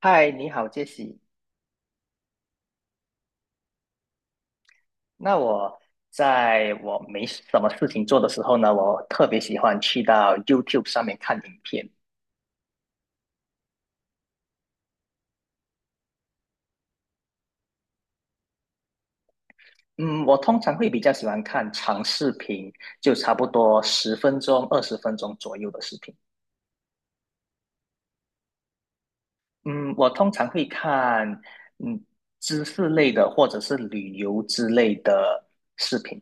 嗨，你好，杰西。那我在我没什么事情做的时候呢，我特别喜欢去到 YouTube 上面看影片。嗯，我通常会比较喜欢看长视频，就差不多十分钟、二十分钟左右的视频。嗯，我通常会看嗯知识类的或者是旅游之类的视频。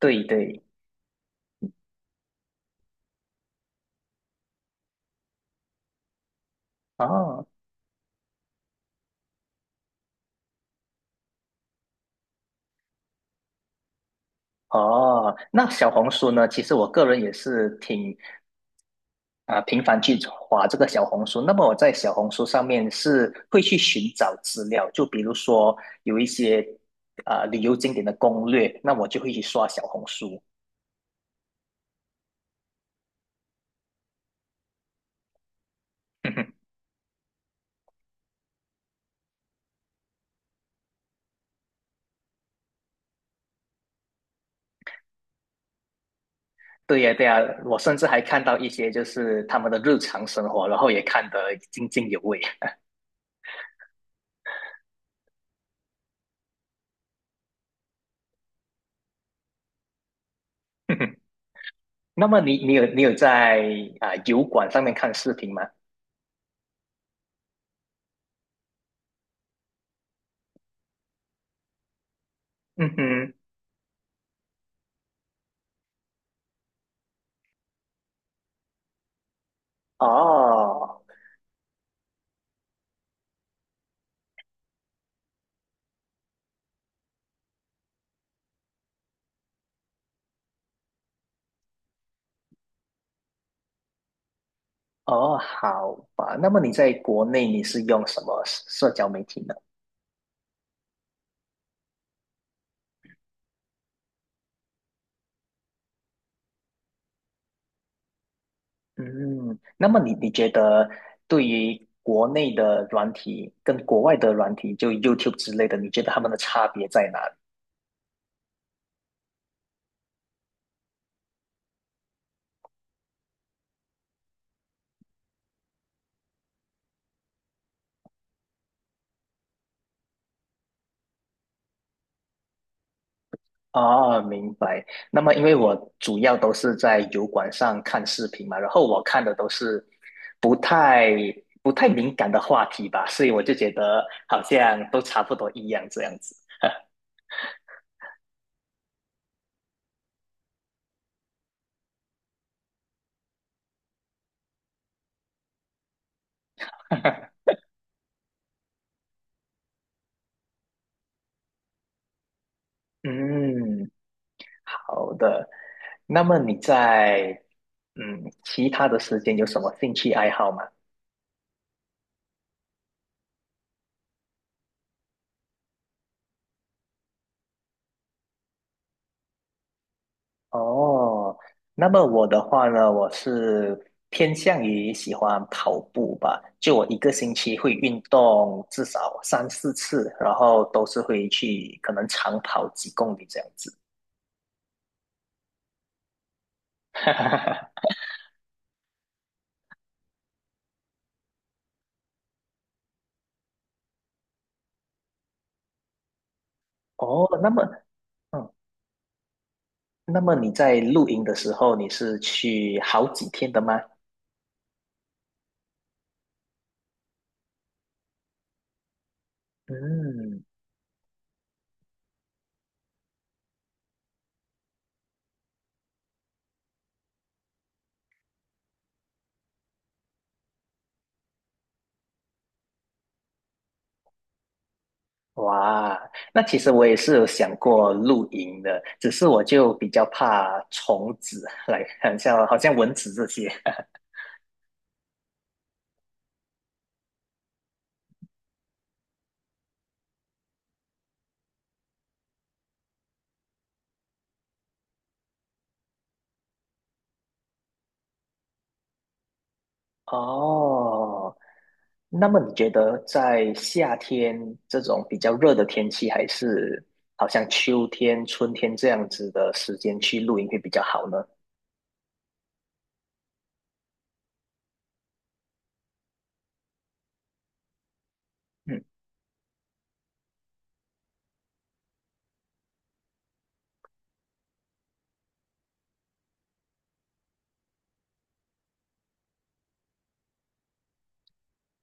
对对。哦哦，那小红书呢？其实我个人也是挺频繁去划这个小红书，那么我在小红书上面是会去寻找资料，就比如说有一些旅游景点的攻略，那我就会去刷小红书。对呀，对呀，我甚至还看到一些就是他们的日常生活，然后也看得津津有味。那么你有在油管上面看视频吗？嗯哼，哦哦，好吧。那么你在国内你是用什么社交媒体呢？嗯，那么你觉得对于国内的软体跟国外的软体，就 YouTube 之类的，你觉得他们的差别在哪里？啊，明白。那么因为我主要都是在油管上看视频嘛，然后我看的都是不太不太敏感的话题吧，所以我就觉得好像都差不多一样这样子。嗯，好的。那么你在其他的时间有什么兴趣爱好吗？哦，那么我的话呢，我是偏向于喜欢跑步吧，就我一个星期会运动至少三四次，然后都是会去可能长跑几公里这样子。哦，那么，嗯，那么你在露营的时候，你是去好几天的吗？嗯，哇，那其实我也是有想过露营的，只是我就比较怕虫子，来，很像好像蚊子这些。哦，那么你觉得在夏天这种比较热的天气，还是好像秋天、春天这样子的时间去露营会比较好呢？嗯，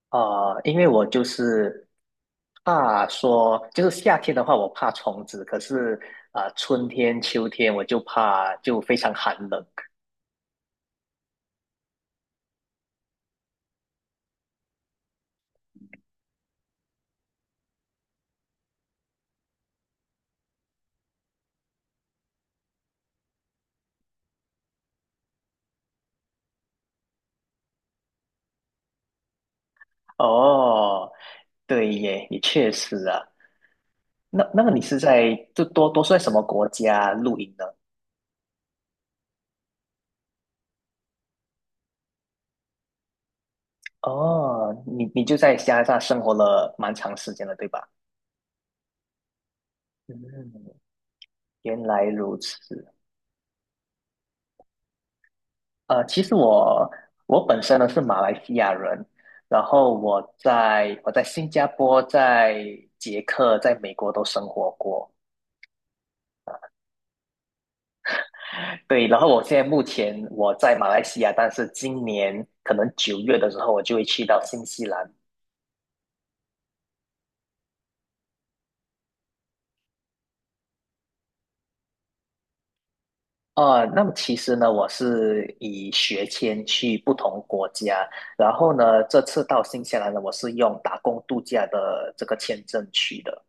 啊，因为我就是怕说，就是夏天的话我怕虫子，可是春天、秋天我就怕就非常寒冷。哦，对耶，也确实啊。那么你是在就多多是在什么国家露营呢？哦，你就在加拿大生活了蛮长时间了，对吧？嗯，原来如此。呃，其实我本身呢是马来西亚人，然后我在新加坡、在捷克、在美国都生活过。对，然后我现在目前我在马来西亚，但是今年可能九月的时候，我就会去到新西兰，呃，那么其实呢，我是以学签去不同国家，然后呢，这次到新西兰呢，我是用打工度假的这个签证去的。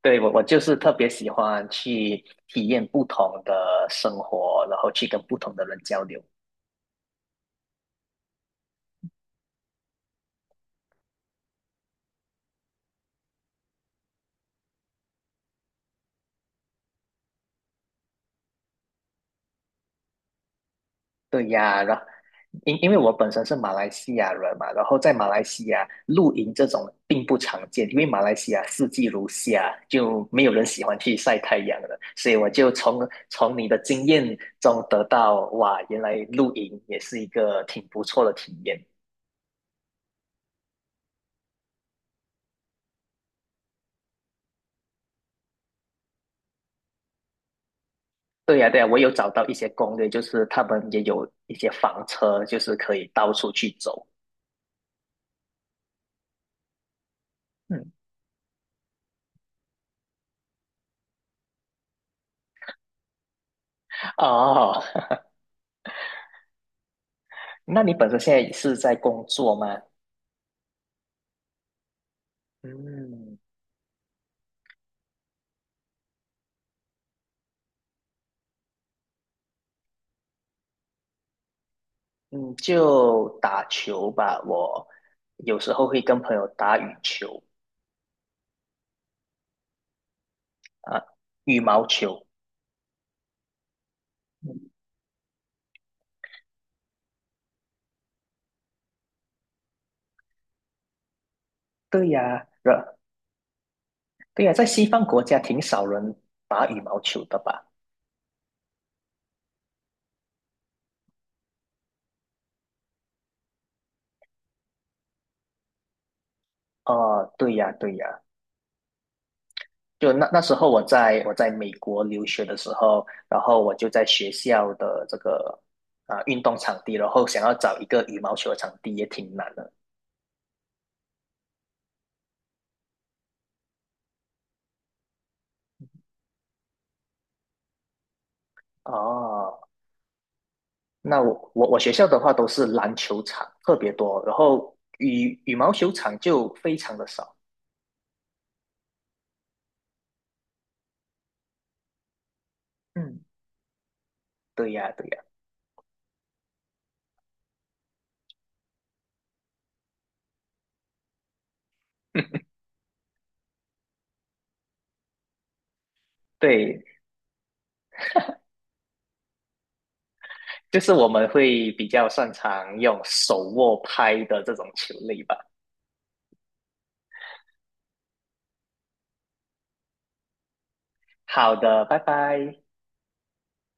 对，我就是特别喜欢去体验不同的生活，然后去跟不同的人交流。对呀，因为我本身是马来西亚人嘛，然后在马来西亚露营这种并不常见，因为马来西亚四季如夏，就没有人喜欢去晒太阳的，所以我就从你的经验中得到，哇，原来露营也是一个挺不错的体验。对呀，对呀，我有找到一些攻略，就是他们也有一些房车，就是可以到处去走。嗯，哦，那你本身现在是在工作吗？嗯嗯，就打球吧，我有时候会跟朋友打羽球啊，羽毛球。嗯，对呀，对呀，在西方国家挺少人打羽毛球的吧？哦，对呀，对呀，就那时候我在美国留学的时候，然后我就在学校的这个运动场地，然后想要找一个羽毛球场地也挺难的。哦，那我学校的话都是篮球场特别多，然后羽毛球场就非常的少。嗯，对呀，对呀，对，就是我们会比较擅长用手握拍的这种球类吧。好的，拜拜。